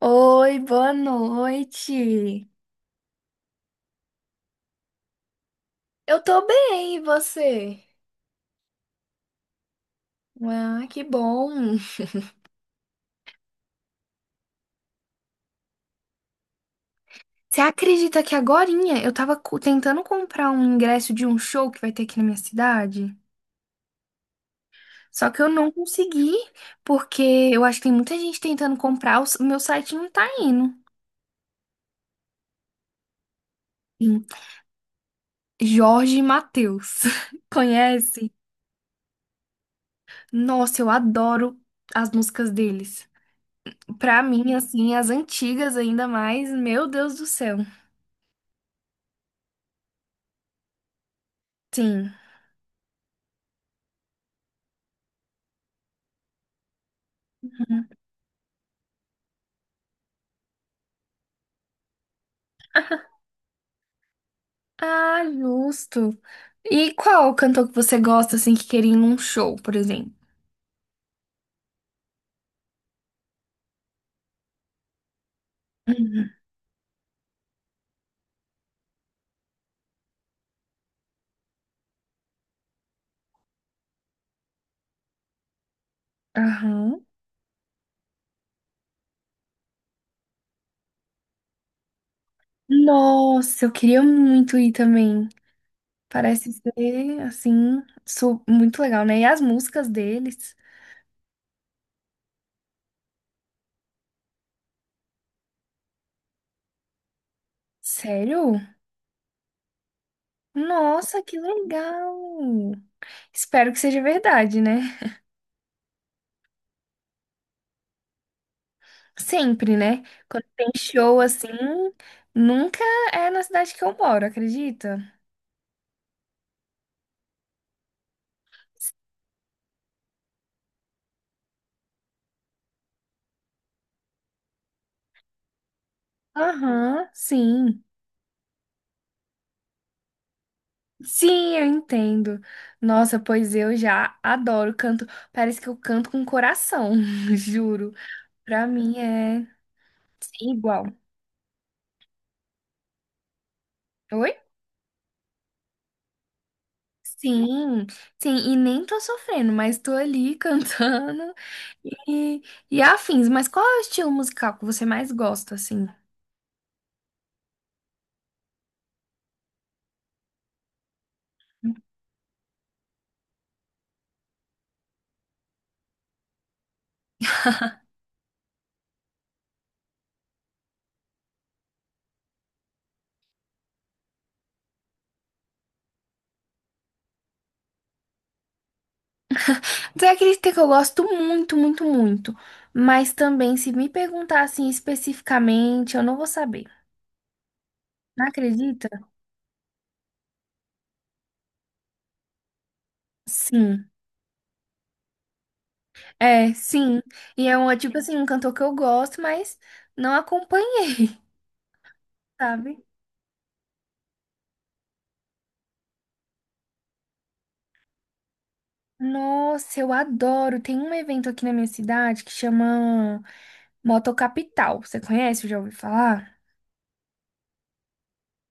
Oi, boa noite. Eu tô bem, e você? Ah, que bom. Você acredita que agorinha eu tava tentando comprar um ingresso de um show que vai ter aqui na minha cidade? Só que eu não consegui, porque eu acho que tem muita gente tentando comprar, o meu site não tá indo. Em Jorge e Mateus. Conhece? Nossa, eu adoro as músicas deles. Pra mim, assim, as antigas ainda mais, meu Deus do céu. Sim. Ah, justo. E qual cantor que você gosta, assim, que queria ir num show, por exemplo? Uhum. Aham. Nossa, eu queria muito ir também. Parece ser, assim, muito legal, né? E as músicas deles? Sério? Nossa, que legal! Espero que seja verdade, né? Sempre, né? Quando tem show assim, nunca é na cidade que eu moro, acredita? Aham, sim. Sim, eu entendo. Nossa, pois eu já adoro canto. Parece que eu canto com coração, juro. Pra mim é igual. Oi? Sim, sim, e nem tô sofrendo, mas tô ali cantando e, e afins. Mas qual é o estilo musical que você mais gosta, assim? Tem aquele que eu gosto muito, muito, muito. Mas também, se me perguntar assim especificamente, eu não vou saber. Não acredita? Sim. É, sim. E é tipo assim, um cantor que eu gosto, mas não acompanhei, sabe? Nossa, eu adoro. Tem um evento aqui na minha cidade que chama Moto Capital. Você conhece? Já ouviu falar?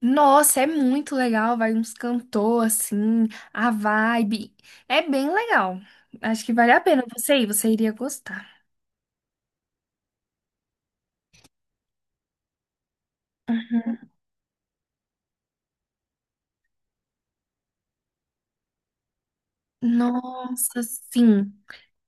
Nossa, é muito legal. Vai uns cantor assim, a vibe. É bem legal. Acho que vale a pena você ir, você iria gostar. Nossa, sim.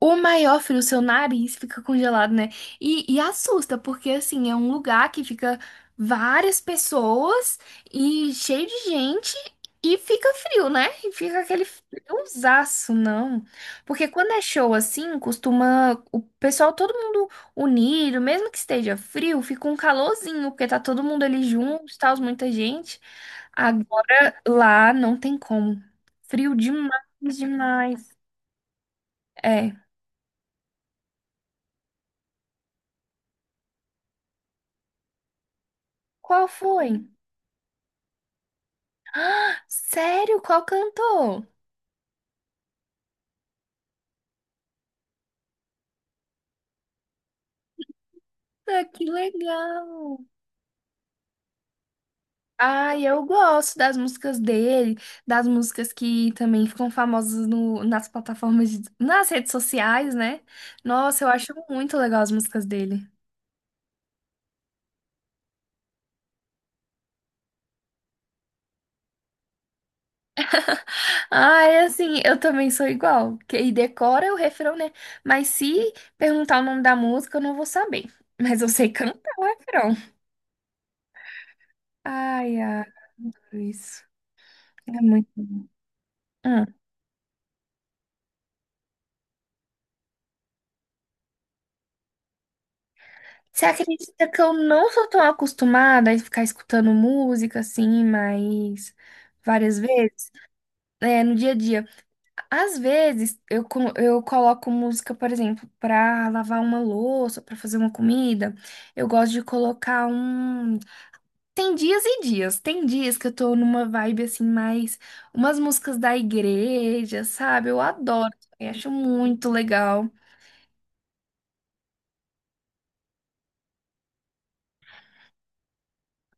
O maior frio, seu nariz fica congelado, né? E assusta, porque assim, é um lugar que fica várias pessoas e cheio de gente e fica frio, né? E fica aquele friozaço, não. Porque quando é show assim, costuma o pessoal, todo mundo unido, mesmo que esteja frio, fica um calorzinho, porque tá todo mundo ali junto, tá muita gente. Agora lá não tem como. Frio demais, demais. É. Qual foi? Ah, sério? Qual cantor? Ah, que legal! Ai, eu gosto das músicas dele, das músicas que também ficam famosas no, nas plataformas, nas redes sociais, né? Nossa, eu acho muito legal as músicas dele. Ai, assim, eu também sou igual. E decora o refrão, né? Mas se perguntar o nome da música, eu não vou saber. Mas eu sei cantar o refrão. Ai, ai, isso. É muito bom. Hum. Você acredita que eu não sou tão acostumada a ficar escutando música assim, mas várias vezes, né, no dia a dia. Às vezes eu, eu coloco música, por exemplo, para lavar uma louça, para fazer uma comida. Eu gosto de colocar um. Tem dias e dias. Tem dias que eu tô numa vibe assim, mais umas músicas da igreja, sabe? Eu adoro, eu acho muito legal.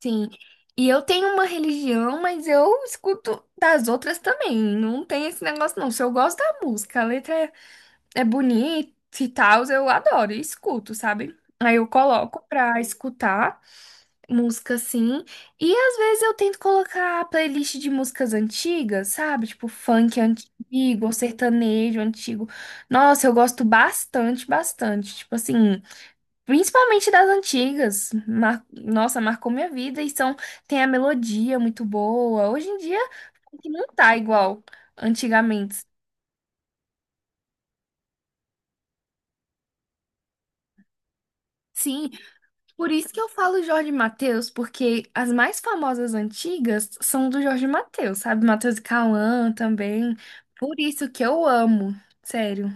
Sim. E eu tenho uma religião, mas eu escuto das outras também. Não tem esse negócio, não. Se eu gosto da música, é bonita e tal, eu adoro e escuto, sabe? Aí eu coloco pra escutar música assim. E às vezes eu tento colocar playlist de músicas antigas, sabe? Tipo funk antigo, sertanejo antigo. Nossa, eu gosto bastante, bastante. Tipo assim. Principalmente das antigas. Nossa, marcou minha vida e são... tem a melodia muito boa. Hoje em dia que não tá igual antigamente. Sim, por isso que eu falo Jorge Mateus, porque as mais famosas antigas são do Jorge Mateus, sabe? Mateus e Cauã também. Por isso que eu amo, sério.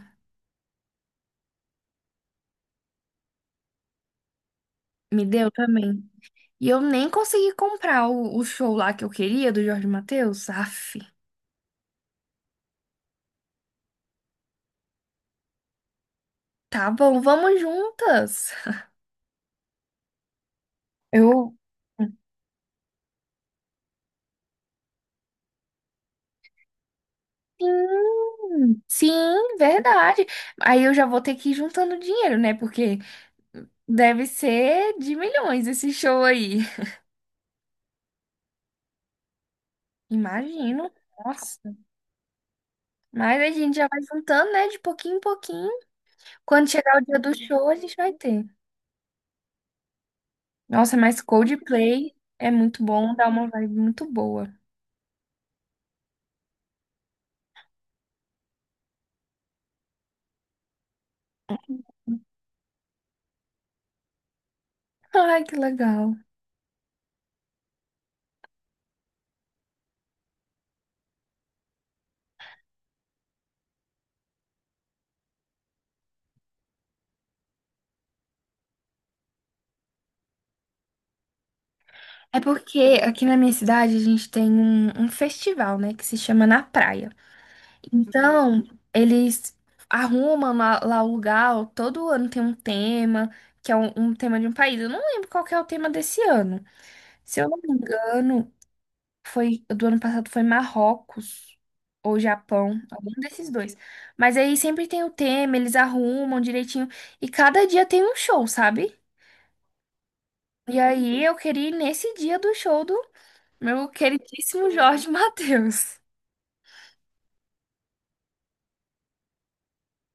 Me deu também. E eu nem consegui comprar o show lá que eu queria do Jorge Mateus. Aff. Tá bom, vamos juntas. Eu sim, sim, verdade. Aí eu já vou ter que ir juntando dinheiro, né? Porque deve ser de milhões esse show aí. Imagino. Nossa. Mas a gente já vai juntando, né? De pouquinho em pouquinho. Quando chegar o dia do show, a gente vai ter. Nossa, mas Coldplay é muito bom, dá uma vibe muito boa. Ai, que legal. É porque aqui na minha cidade a gente tem um festival, né? Que se chama Na Praia. Então, eles arrumam lá, lá o lugar, todo ano tem um tema, que é um tema de um país. Eu não lembro qual que é o tema desse ano. Se eu não me engano, foi do ano passado foi Marrocos ou Japão, algum desses dois. Mas aí sempre tem o tema, eles arrumam direitinho e cada dia tem um show, sabe? E aí eu queria ir nesse dia do show do meu queridíssimo Jorge Mateus.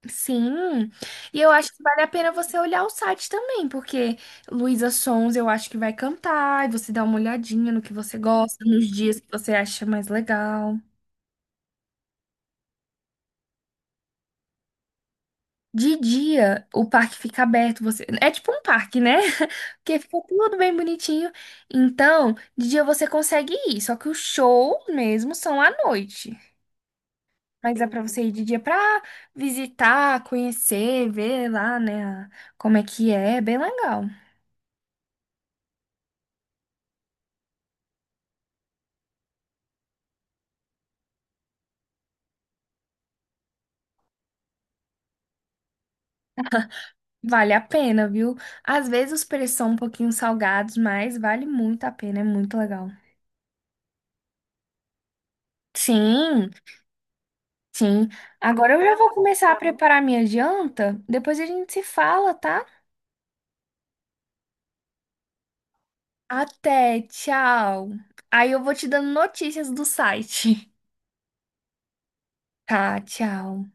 Sim, e eu acho que vale a pena você olhar o site também, porque Luísa Sons eu acho que vai cantar, e você dá uma olhadinha no que você gosta, nos dias que você acha mais legal. De dia, o parque fica aberto, você... É tipo um parque, né? Porque fica tudo bem bonitinho. Então, de dia você consegue ir, só que o show mesmo são à noite. Mas dá pra você ir de dia pra visitar, conhecer, ver lá, né, como é que é, é bem legal. Vale a pena, viu? Às vezes os preços são um pouquinho salgados, mas vale muito a pena, é muito legal. Sim, sim. Agora eu já vou começar a preparar minha janta. Depois a gente se fala, tá? Até, tchau. Aí eu vou te dando notícias do site. Tá, tchau.